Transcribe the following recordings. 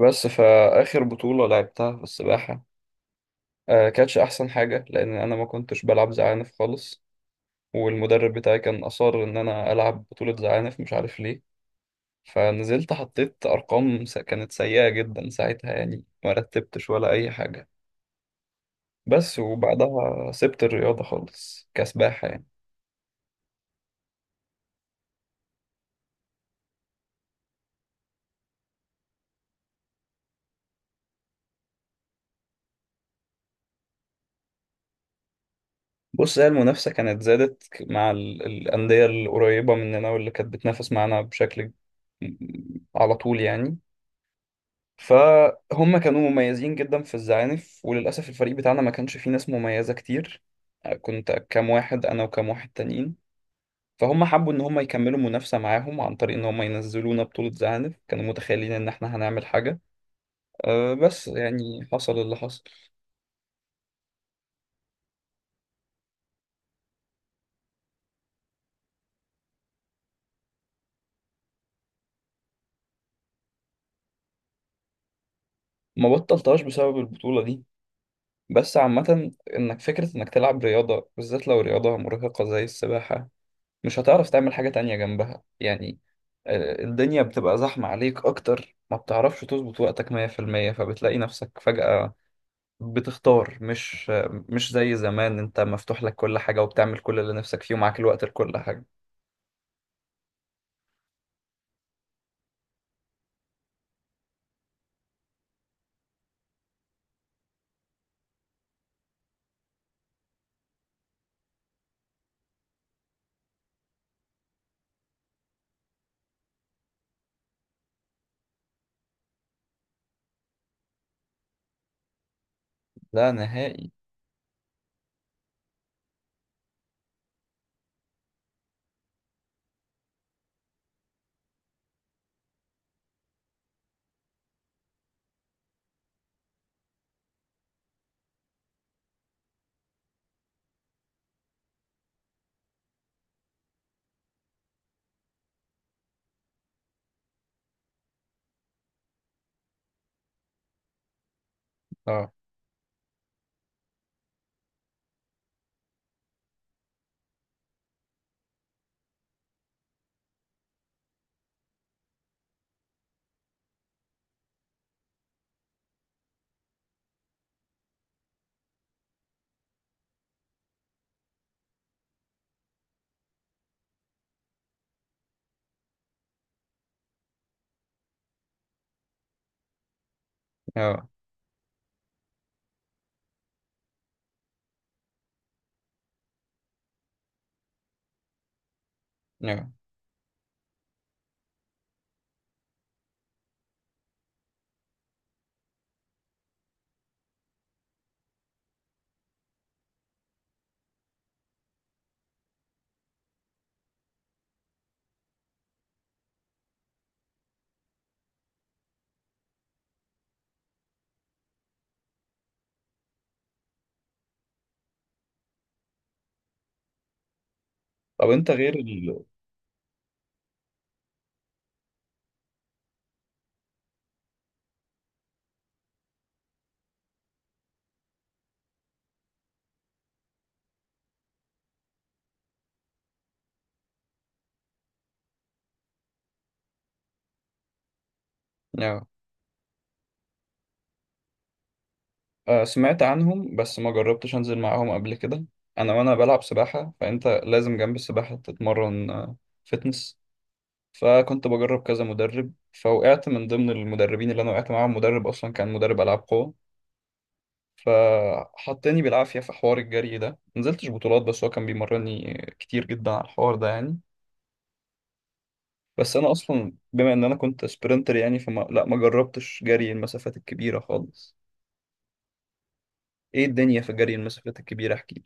بس فآخر بطولة لعبتها في السباحة. كانتش أحسن حاجة، لأن أنا ما كنتش بلعب زعانف خالص. والمدرب بتاعي كان أصر إن أنا ألعب بطولة زعانف، مش عارف ليه. فنزلت حطيت أرقام كانت سيئة جدا ساعتها، يعني ما رتبتش ولا أي حاجة. بس وبعدها سبت الرياضة خالص كسباحة يعني. بص، هي المنافسة كانت زادت مع الأندية القريبة مننا واللي كانت بتنافس معانا بشكل على طول يعني. فهم كانوا مميزين جدا في الزعانف، وللأسف الفريق بتاعنا ما كانش فيه ناس مميزة كتير. كنت كام واحد أنا وكام واحد تانيين. فهم حبوا إن هم يكملوا منافسة معاهم عن طريق إن هم ينزلونا بطولة زعانف، كانوا متخيلين إن إحنا هنعمل حاجة. أه بس يعني حصل اللي حصل. ما بطلتهاش بسبب البطولة دي، بس عامة، إنك فكرة إنك تلعب رياضة بالذات لو رياضة مرهقة زي السباحة مش هتعرف تعمل حاجة تانية جنبها يعني. الدنيا بتبقى زحمة عليك أكتر، ما بتعرفش تظبط وقتك 100%، فبتلاقي نفسك فجأة بتختار، مش مش زي زمان أنت مفتوح لك كل حاجة وبتعمل كل اللي نفسك فيه ومعاك الوقت لكل حاجة. لا نهائي. اه. اه. اه. طب أنت غير ال اه آه، سمعت عنهم بس ما جربتش أنزل معاهم قبل كده. أنا، وأنا بلعب سباحة فأنت لازم جنب السباحة تتمرن فتنس. فكنت بجرب كذا مدرب، فوقعت من ضمن المدربين اللي انا وقعت معاهم مدرب اصلا كان مدرب العاب قوه. فحطني بالعافيه في حوار الجري ده، نزلتش بطولات بس هو كان بيمرني كتير جدا على الحوار ده يعني. بس انا اصلا بما ان انا كنت سبرنتر يعني، فما لا ما جربتش جري المسافات الكبيره خالص. ايه الدنيا في جري المسافات الكبيره، احكي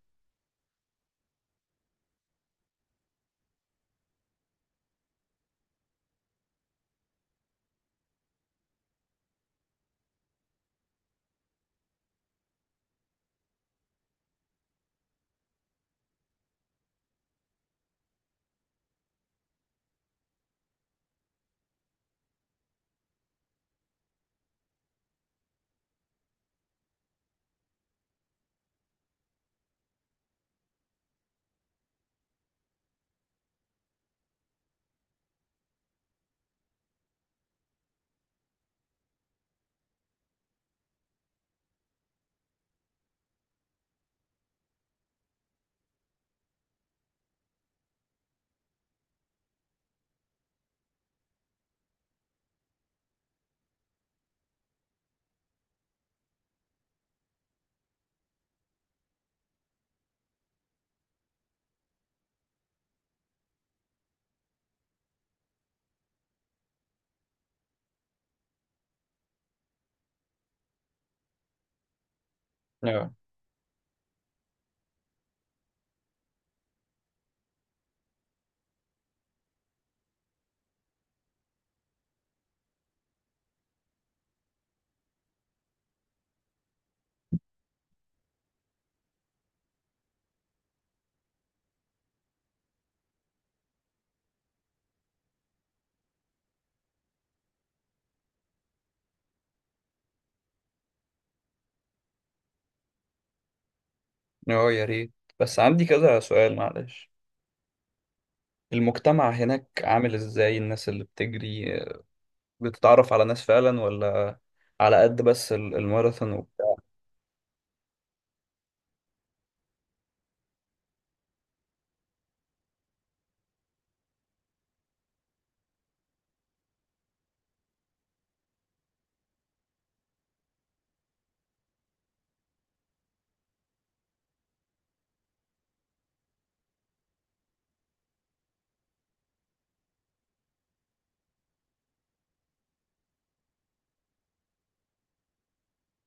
لي. اه. اه، يا ريت. بس عندي كذا سؤال، معلش. المجتمع هناك عامل ازاي؟ الناس اللي بتجري بتتعرف على ناس فعلا، ولا على قد بس الماراثون وبتاع؟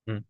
مم.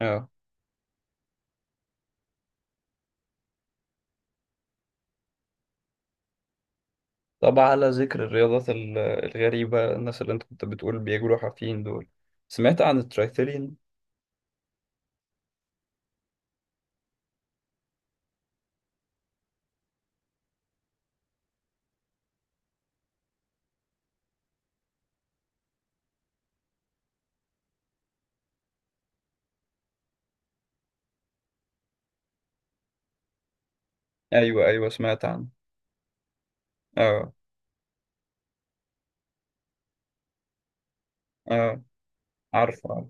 اه، طب على ذكر الرياضات الغريبة، الناس اللي انت كنت بتقول بيجروا حافيين دول، سمعت عن الترايثلين؟ ايوه، ايوه، سمعت عن. اه. اه. عارف، عارف.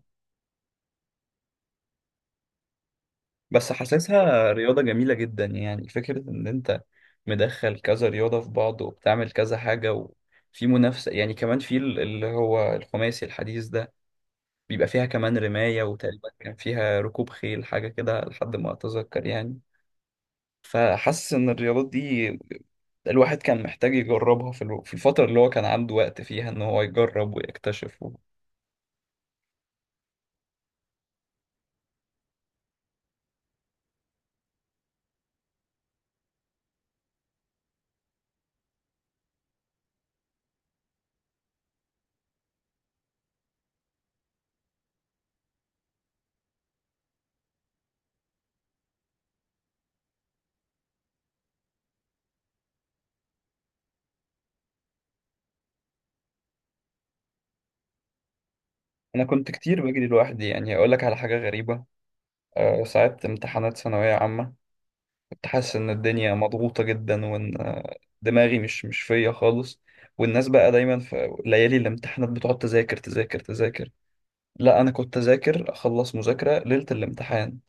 بس حاسسها رياضة جميلة جدا، يعني فكرة ان انت مدخل كذا رياضة في بعض وبتعمل كذا حاجة وفي منافسة، يعني كمان في اللي هو الخماسي الحديث ده بيبقى فيها كمان رماية، وتقريبا كان فيها ركوب خيل حاجة كده لحد ما أتذكر يعني. فحاسس إن الرياضات دي الواحد كان محتاج يجربها في في الفترة اللي هو كان عنده وقت فيها إن هو يجرب ويكتشف و. أنا كنت كتير بجري لوحدي، يعني أقول لك على حاجة غريبة. أه ساعات امتحانات ثانوية عامة كنت حاسس إن الدنيا مضغوطة جدا، وإن دماغي مش فيا خالص. والناس بقى دايما في ليالي الامتحانات بتقعد تذاكر تذاكر تذاكر. لا، أنا كنت أذاكر أخلص مذاكرة ليلة الامتحان،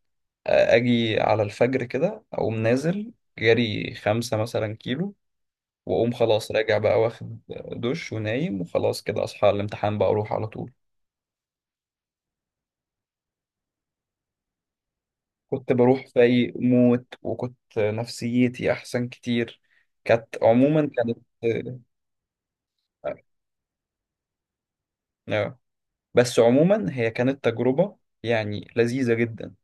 اجي على الفجر كده اقوم نازل جري 5 مثلا كيلو، واقوم خلاص راجع بقى واخد دش ونايم، وخلاص كده اصحى على الامتحان بقى اروح على طول. كنت بروح فايق موت، وكنت نفسيتي احسن كتير. كانت عموما كانت آه، بس عموما هي كانت تجربة يعني لذيذة جدا.